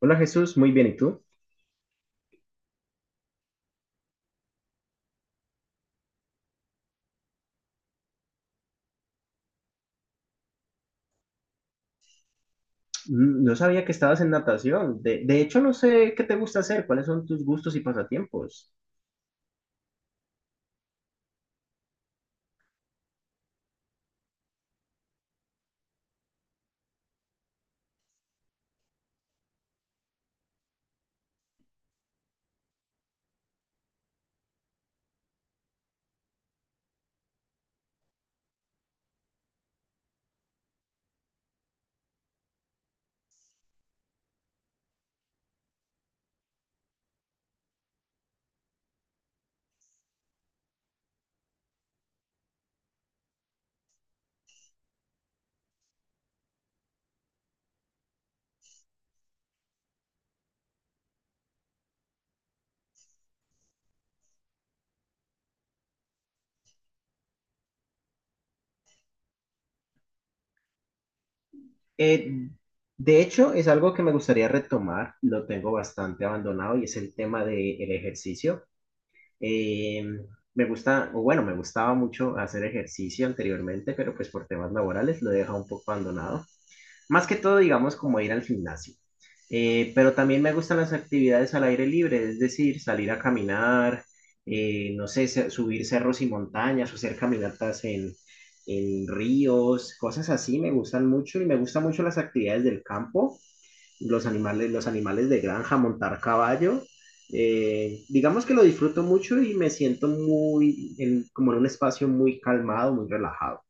Hola Jesús, muy bien. ¿Y tú? No sabía que estabas en natación. De hecho, no sé qué te gusta hacer, cuáles son tus gustos y pasatiempos. Eh, de hecho, es algo que me gustaría retomar, lo tengo bastante abandonado y es el tema del ejercicio. Eh, me gusta, o bueno, me gustaba mucho hacer ejercicio anteriormente, pero pues por temas laborales lo he dejado un poco abandonado. Más que todo, digamos, como ir al gimnasio. Pero también me gustan las actividades al aire libre, es decir, salir a caminar, no sé, subir cerros y montañas o hacer caminatas en, ríos, cosas así me gustan mucho y me gustan mucho las actividades del campo, los animales de granja, montar caballo. Digamos que lo disfruto mucho y me siento muy como en un espacio muy calmado, muy relajado.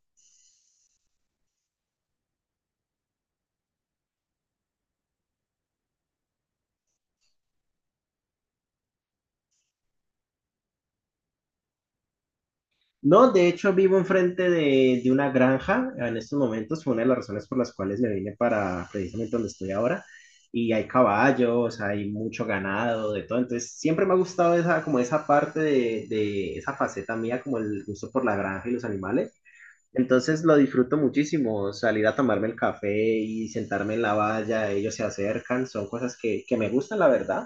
No, de hecho vivo enfrente de, una granja en estos momentos, fue una de las razones por las cuales me vine para precisamente donde estoy ahora, y hay caballos, hay mucho ganado, de todo, entonces siempre me ha gustado esa, como esa parte de esa faceta mía, como el gusto por la granja y los animales, entonces lo disfruto muchísimo, salir a tomarme el café y sentarme en la valla, ellos se acercan, son cosas que me gustan, la verdad,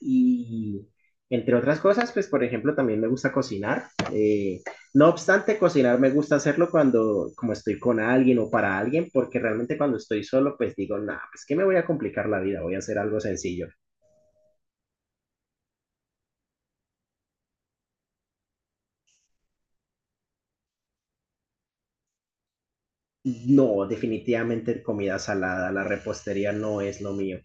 y entre otras cosas, pues por ejemplo, también me gusta cocinar. Eh, no obstante, cocinar me gusta hacerlo cuando como estoy con alguien o para alguien, porque realmente cuando estoy solo, pues digo, nada, pues que me voy a complicar la vida, voy a hacer algo sencillo. No, definitivamente comida salada, la repostería no es lo mío.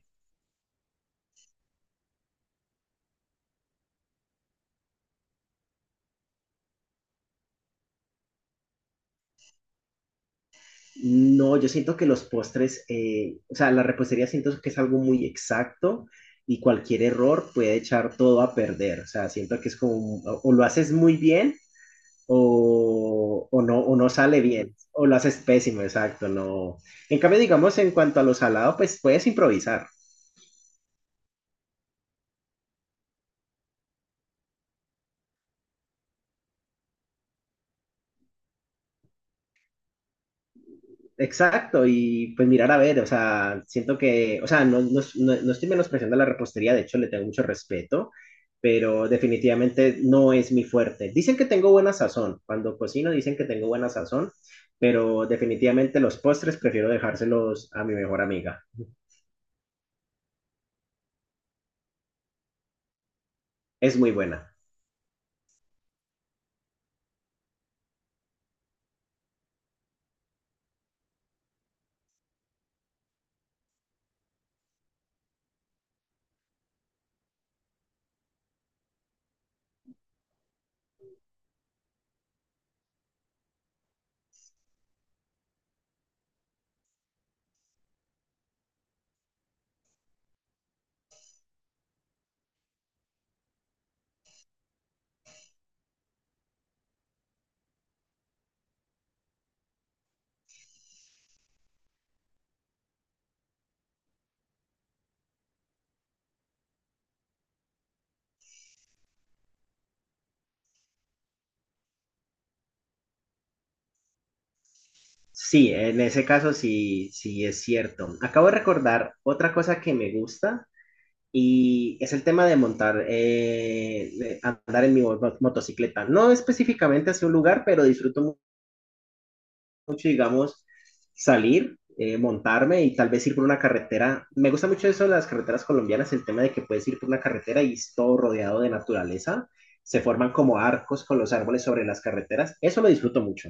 No, yo siento que los postres, o sea, la repostería siento que es algo muy exacto y cualquier error puede echar todo a perder. O sea, siento que es como, o lo haces muy bien o no, o no sale bien, o lo haces pésimo, exacto, no. En cambio, digamos, en cuanto a lo salado, pues puedes improvisar, exacto, y pues mirar a ver, o sea, siento que, o sea, no, no, no, no estoy menospreciando la repostería, de hecho, le tengo mucho respeto, pero definitivamente no es mi fuerte. Dicen que tengo buena sazón, cuando cocino dicen que tengo buena sazón, pero definitivamente los postres prefiero dejárselos a mi mejor amiga, es muy buena. Sí, en ese caso sí, sí es cierto. Acabo de recordar otra cosa que me gusta y es el tema de montar, de andar en mi motocicleta. No específicamente hacia un lugar, pero disfruto mucho, digamos, salir, montarme y tal vez ir por una carretera. Me gusta mucho eso de las carreteras colombianas, el tema de que puedes ir por una carretera y es todo rodeado de naturaleza. Se forman como arcos con los árboles sobre las carreteras. Eso lo disfruto mucho.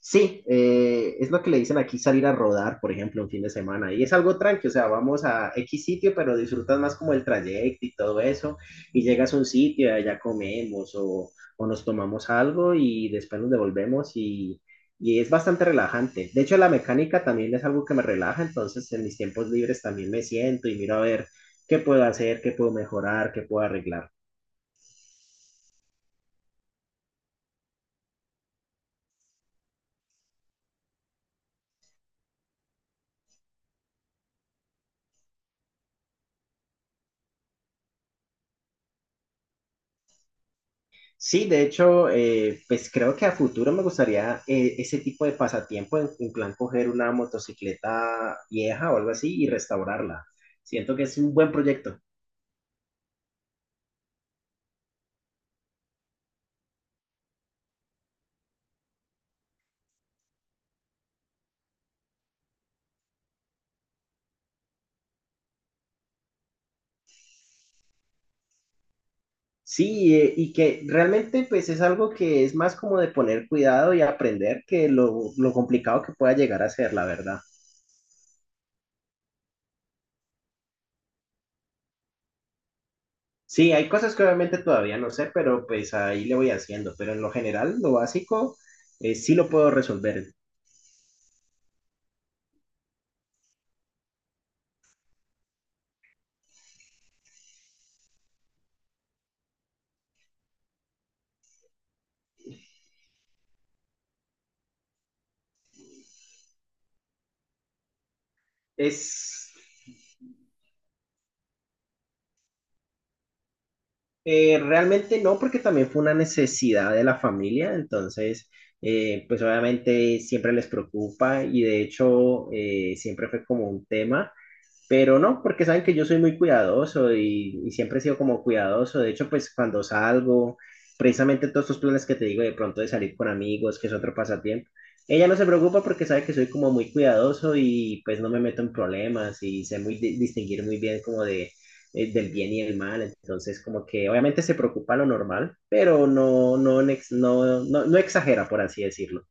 Sí, es lo que le dicen aquí salir a rodar, por ejemplo, un fin de semana. Y es algo tranqui, o sea, vamos a X sitio, pero disfrutas más como el trayecto y todo eso. Y llegas a un sitio, y allá comemos o nos tomamos algo y después nos devolvemos y es bastante relajante. De hecho, la mecánica también es algo que me relaja, entonces en mis tiempos libres también me siento y miro a ver qué puedo hacer, qué puedo mejorar, qué puedo arreglar. Sí, de hecho, pues creo que a futuro me gustaría ese tipo de pasatiempo, en, plan coger una motocicleta vieja o algo así y restaurarla. Siento que es un buen proyecto. Sí, y que realmente pues es algo que es más como de poner cuidado y aprender que lo complicado que pueda llegar a ser, la verdad. Sí, hay cosas que obviamente todavía no sé, pero pues ahí le voy haciendo, pero en lo general, lo básico, sí lo puedo resolver. Es realmente no, porque también fue una necesidad de la familia, entonces, pues obviamente siempre les preocupa y de hecho siempre fue como un tema. Pero no, porque saben que yo soy muy cuidadoso y siempre he sido como cuidadoso. De hecho, pues cuando salgo, precisamente todos estos planes que te digo de pronto de salir con amigos, que es otro pasatiempo, ella no se preocupa porque sabe que soy como muy cuidadoso y pues no me meto en problemas y sé muy distinguir muy bien como de del bien y el mal. Entonces, como que obviamente se preocupa lo normal, pero no, no, no, no, no exagera, por así decirlo.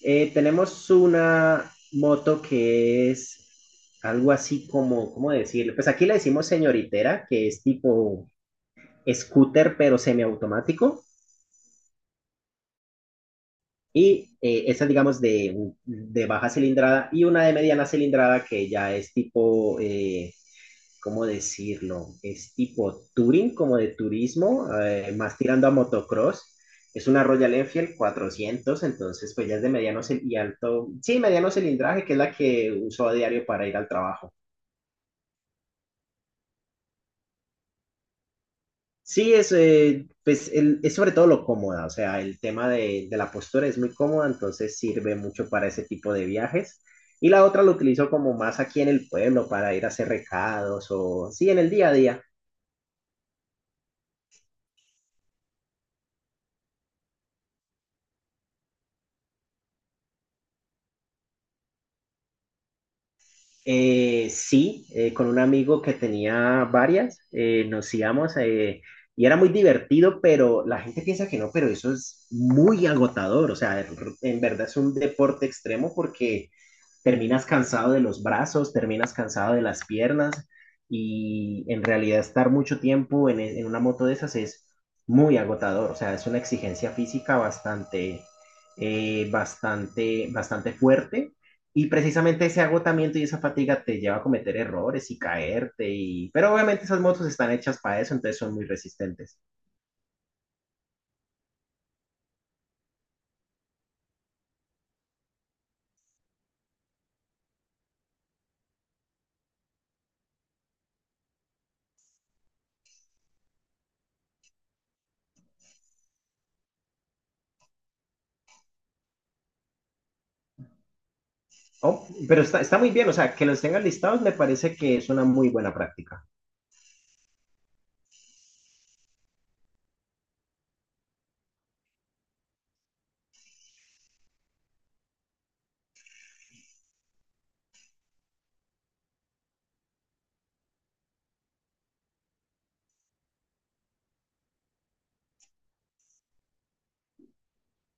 Tenemos una moto que es algo así como, ¿cómo decirlo? Pues aquí le decimos señoritera, que es tipo scooter, pero semiautomático. Y esa, es, digamos, de, baja cilindrada y una de mediana cilindrada que ya es tipo ¿cómo decirlo? Es tipo touring, como de turismo, más tirando a motocross. Es una Royal Enfield 400, entonces pues ya es de mediano y alto, sí, mediano cilindraje, que es la que uso a diario para ir al trabajo. Sí, es, pues, es sobre todo lo cómoda, o sea, el tema de la postura es muy cómoda, entonces sirve mucho para ese tipo de viajes. Y la otra lo utilizo como más aquí en el pueblo para ir a hacer recados o, sí, en el día a día. Sí, con un amigo que tenía varias, nos íbamos y era muy divertido, pero la gente piensa que no, pero eso es muy agotador, o sea, en verdad es un deporte extremo porque terminas cansado de los brazos, terminas cansado de las piernas y en realidad estar mucho tiempo en, en una moto de esas es muy agotador, o sea, es una exigencia física bastante, bastante, bastante fuerte y precisamente ese agotamiento y esa fatiga te lleva a cometer errores y caerte y pero obviamente esas motos están hechas para eso entonces son muy resistentes. Oh, pero está, está muy bien o sea que los tengan listados me parece que es una muy buena práctica.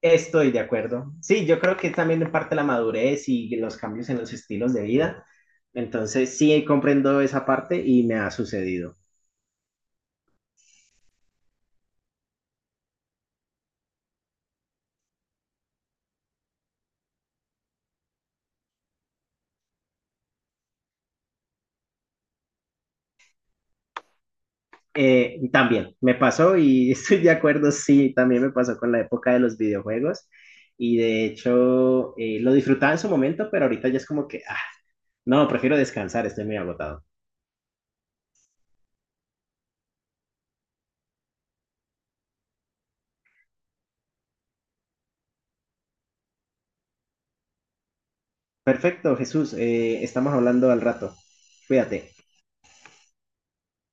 Estoy de acuerdo. Sí, yo creo que también en parte la madurez y los cambios en los estilos de vida. Entonces, sí, comprendo esa parte y me ha sucedido. También me pasó y estoy de acuerdo, sí, también me pasó con la época de los videojuegos y de hecho lo disfrutaba en su momento, pero ahorita ya es como que, ah, no, prefiero descansar, estoy muy agotado. Perfecto, Jesús, estamos hablando al rato. Cuídate.